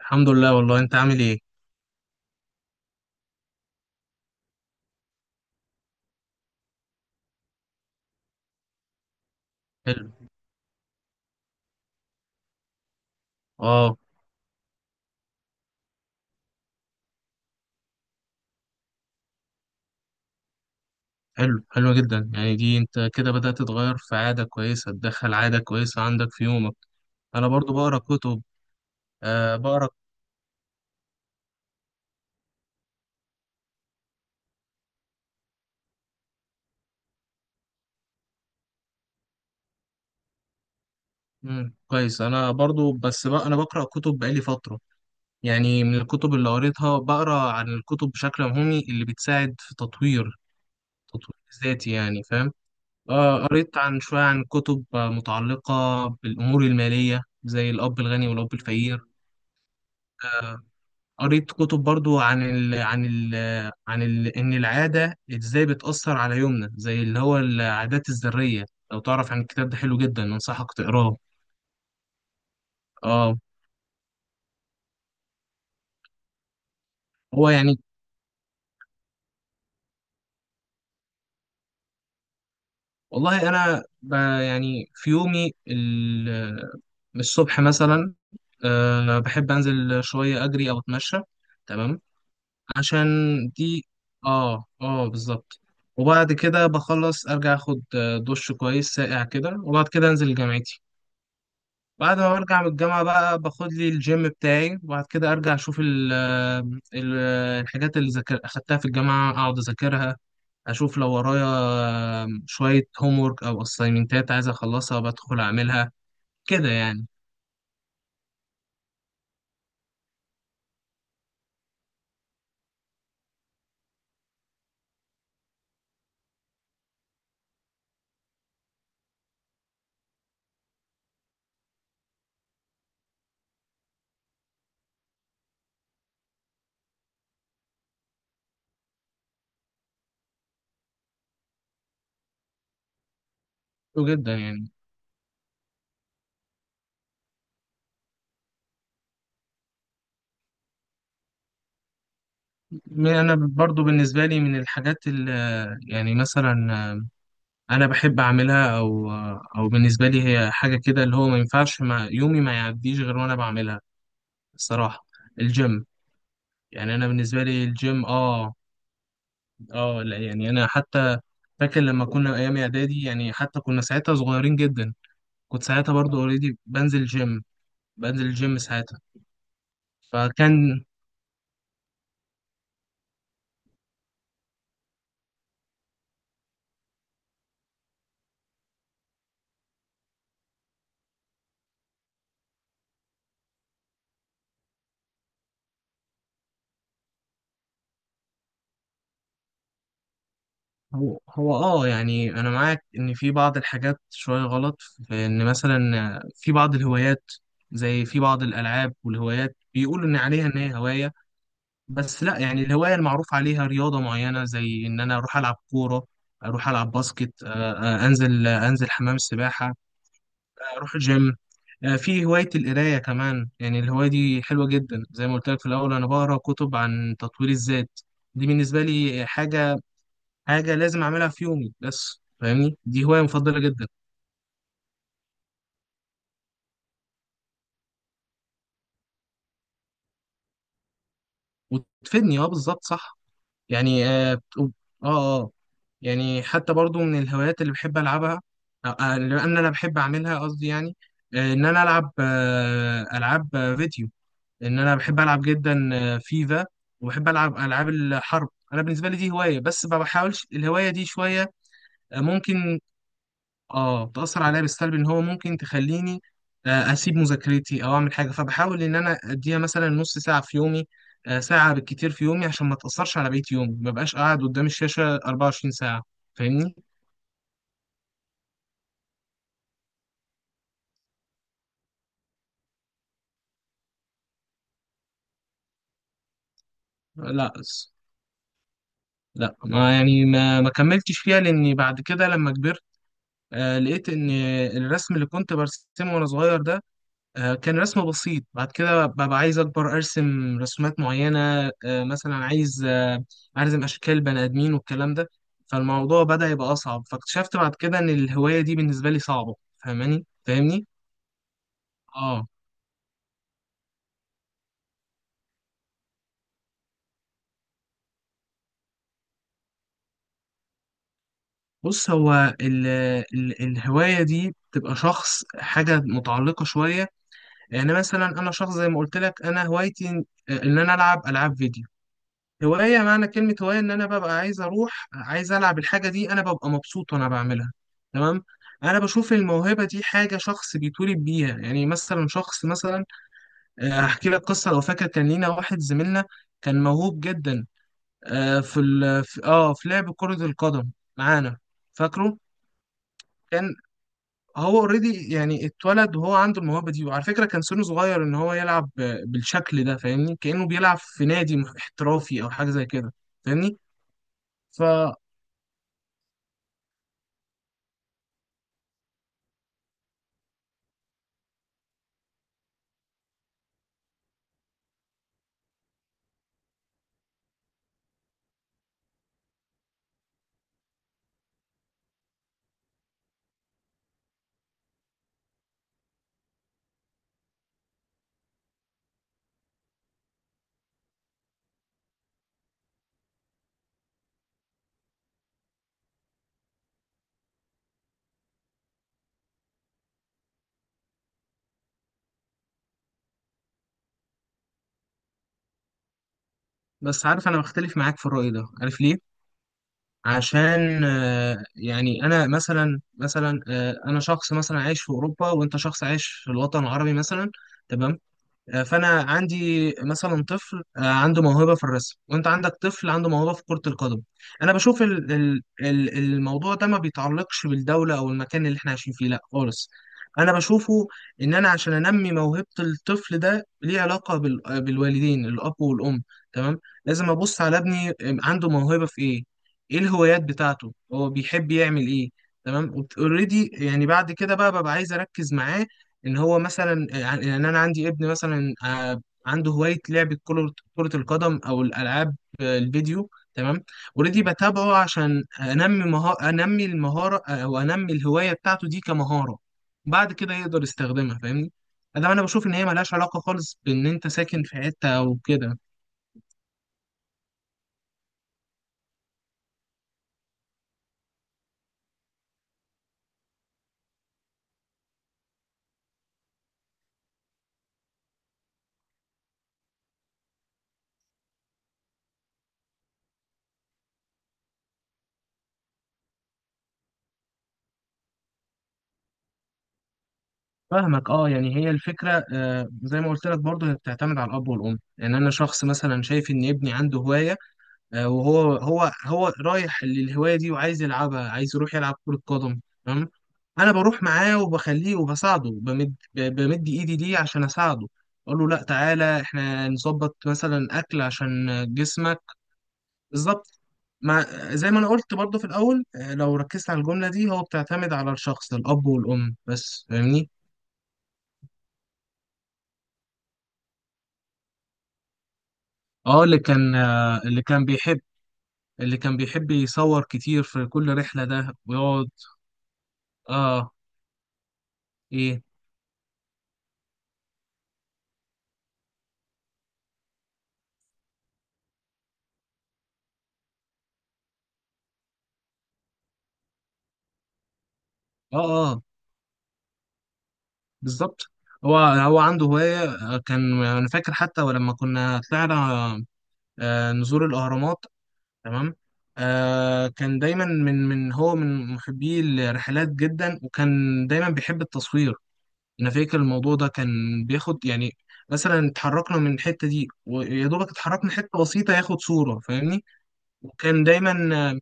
الحمد لله، والله انت عامل ايه؟ حلو. اه. حلو، حلو جدا. يعني دي انت كده بدأت تتغير، في عادة كويسة تدخل عادة كويسة عندك في يومك. انا برضو بقرا كتب. آه، بقرا. مم. كويس. انا برضو، بس بقى انا بقرا كتب بقالي فترة. يعني من الكتب اللي قريتها، بقرا عن الكتب بشكل عمومي اللي بتساعد في تطوير ذاتي، يعني فاهم؟ قريت عن شوية، عن كتب، متعلقة بالأمور المالية، زي الأب الغني والأب الفقير. آه، قريت كتب برضو عن إن العادة إزاي بتأثر على يومنا، زي اللي هو العادات الذرية. لو تعرف عن الكتاب ده، حلو جدا، أنصحك تقراه. اه. هو يعني، والله أنا يعني في يومي الصبح مثلا، بحب أنزل شوية أجري أو أتمشى. تمام. عشان دي، اه، اه، بالظبط. وبعد كده بخلص أرجع أخد دش كويس ساقع كده، وبعد كده أنزل جامعتي. بعد ما برجع من الجامعة بقى باخد لي الجيم بتاعي، وبعد كده أرجع أشوف ال آه، ال آه، الحاجات اللي ذاكر أخدتها في الجامعة، أقعد أذاكرها. أشوف لو ورايا شوية هومورك أو أسايمنتات عايز أخلصها، بدخل أعملها. كده يعني. حلو جدا يعني. أنا برضو بالنسبة لي، من الحاجات اللي يعني مثلا أنا بحب أعملها، أو بالنسبة لي هي حاجة كده اللي هو ما ينفعش مع يومي ما يعديش غير وأنا بعملها، الصراحة الجيم. يعني انا بالنسبه لي الجيم، اه، اه، لا، يعني انا حتى فاكر لما كنا ايام اعدادي، يعني حتى كنا ساعتها صغيرين جدا. كنت ساعتها برضو اوريدي بنزل جيم، بنزل الجيم ساعتها. فكان هو اه، يعني انا معاك ان في بعض الحاجات شوية غلط، في ان مثلا في بعض الهوايات، زي في بعض الالعاب والهوايات بيقولوا ان عليها ان هي هواية. بس لا، يعني الهواية المعروف عليها رياضة معينة، زي ان انا اروح العب كورة، اروح العب باسكت، انزل حمام السباحة، اروح جيم. في هواية القراية كمان، يعني الهواية دي حلوة جدا زي ما قلت لك في الأول، أنا بقرأ كتب عن تطوير الذات. دي بالنسبة لي حاجة، لازم أعملها في يومي، بس فاهمني، دي هواية مفضلة جدا. وتفيدني. أه، بالظبط، صح. يعني، أه، أه، أه. يعني حتى برضو من الهوايات اللي بحب ألعبها، اللي أنا بحب أعملها، قصدي يعني إن أنا ألعب ألعاب فيديو. لان انا بحب العب جدا، فيفا. وبحب العب العاب الحرب. انا بالنسبه لي دي هوايه، بس ما بحاولش الهوايه دي شويه. ممكن. اه، تاثر عليا بالسلب ان هو ممكن تخليني اسيب مذاكرتي او اعمل حاجه، فبحاول ان انا اديها مثلا نص ساعه في يومي، ساعه بالكتير في يومي، عشان ما تاثرش على بقيه يومي، ما بقاش قاعد قدام الشاشه 24 ساعه، فاهمني. لا، لا، ما يعني ما كملتش فيها، لاني بعد كده لما كبرت لقيت ان الرسم اللي كنت برسمه وانا صغير ده، كان رسم بسيط. بعد كده ببقى عايز أكبر أرسم رسومات معينة، مثلا عايز أرسم أشكال بني آدمين والكلام ده. فالموضوع بدأ يبقى أصعب، فاكتشفت بعد كده إن الهواية دي بالنسبة لي صعبة. فاهماني، فاهمني. آه. بص، هو ال ال الهواية دي بتبقى شخص، حاجة متعلقة شوية، يعني مثلا أنا شخص زي ما قلت لك، أنا هوايتي إن أنا ألعب ألعاب فيديو. هواية، معنى كلمة هواية، إن أنا ببقى عايز أروح، عايز ألعب الحاجة دي، أنا ببقى مبسوط وأنا بعملها. تمام. أنا بشوف الموهبة دي حاجة شخص بيتولد بيها. يعني مثلا شخص مثلا، هحكي لك قصة لو فاكر، كان لينا واحد زميلنا كان موهوب جدا، في ال في- آه في لعب كرة القدم معانا. فاكره؟ كان هو اوريدي يعني اتولد وهو عنده الموهبة دي، وعلى فكرة كان سنه صغير إن هو يلعب بالشكل ده، فاهمني، كأنه بيلعب في نادي احترافي أو حاجة زي كده، فاهمني. بس عارف، انا بختلف معاك في الرأي ده، عارف ليه؟ عشان يعني انا مثلا، انا شخص مثلا عايش في اوروبا، وانت شخص عايش في الوطن العربي مثلا. تمام. فانا عندي مثلا طفل عنده موهبه في الرسم، وانت عندك طفل عنده موهبه في كره القدم. انا بشوف الموضوع ده ما بيتعلقش بالدوله او المكان اللي احنا عايشين فيه، لا خالص. انا بشوفه ان انا عشان انمي موهبه الطفل ده، ليه علاقه بالوالدين، الاب والام. تمام. لازم ابص على ابني، عنده موهبه في ايه، ايه الهوايات بتاعته، هو بيحب يعمل ايه. تمام. اوريدي يعني بعد كده بقى ببقى عايز اركز معاه، ان هو مثلا، يعني ان انا عندي ابن مثلا عنده هوايه لعبه، كرة القدم او الالعاب الفيديو. تمام. اوريدي بتابعه عشان انمي مهارة، انمي المهاره، او انمي الهوايه بتاعته دي كمهاره. بعد كده يقدر يستخدمها، فاهمني. ده انا بشوف ان هي ملهاش علاقه خالص بان انت ساكن في حته او كده. فاهمك، اه، يعني هي الفكره، زي ما قلت لك برضه، هي بتعتمد على الاب والام. يعني انا شخص مثلا شايف ان ابني عنده هوايه، وهو هو هو رايح للهوايه دي، وعايز يلعبها، عايز يروح يلعب كره قدم. تمام. انا بروح معاه وبخليه وبساعده، بمد بمد ايدي ليه عشان اساعده، اقول له: لا، تعالى احنا نظبط مثلا اكل عشان جسمك. بالظبط. مع زي ما انا قلت برضه في الاول، لو ركزت على الجمله دي، هو بتعتمد على الشخص، الاب والام بس، فاهمني. اه، اللي كان بيحب يصور كتير في كل رحله ده، ويقعد. اه. ايه. اه، اه، بالظبط. هو عنده هواية، كان أنا فاكر حتى ولما كنا طلعنا نزور الأهرامات. تمام. كان دايما، من هو من محبي الرحلات جدا، وكان دايما بيحب التصوير. أنا فاكر الموضوع ده كان بياخد، يعني مثلا اتحركنا من الحتة دي، ويا دوبك اتحركنا حتة بسيطة، ياخد صورة، فاهمني. وكان دايما، آه،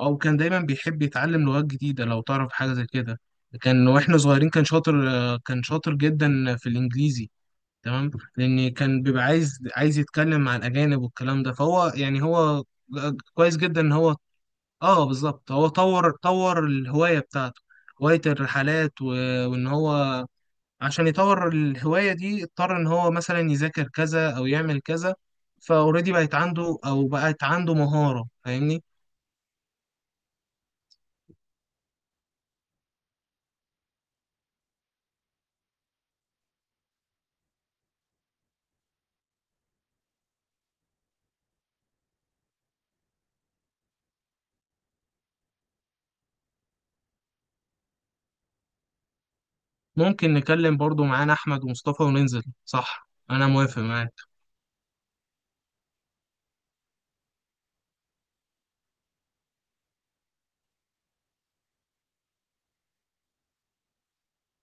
أو كان دايما بيحب يتعلم لغات جديدة، لو تعرف حاجة زي كده. كان واحنا صغيرين كان شاطر جدا في الإنجليزي. تمام. لان كان بيبقى عايز يتكلم مع الاجانب والكلام ده، فهو يعني هو كويس جدا ان هو، اه بالظبط، هو طور الهوايه بتاعته، هوايه الرحلات، و... وان هو عشان يطور الهوايه دي اضطر ان هو مثلا يذاكر كذا او يعمل كذا. فاوريدي بقت عنده، او بقت عنده مهاره، فاهمني. ممكن نكلم برضو معانا احمد ومصطفى وننزل، صح، انا موافق معاك.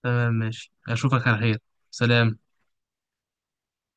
تمام، ماشي، اشوفك على خير. سلام.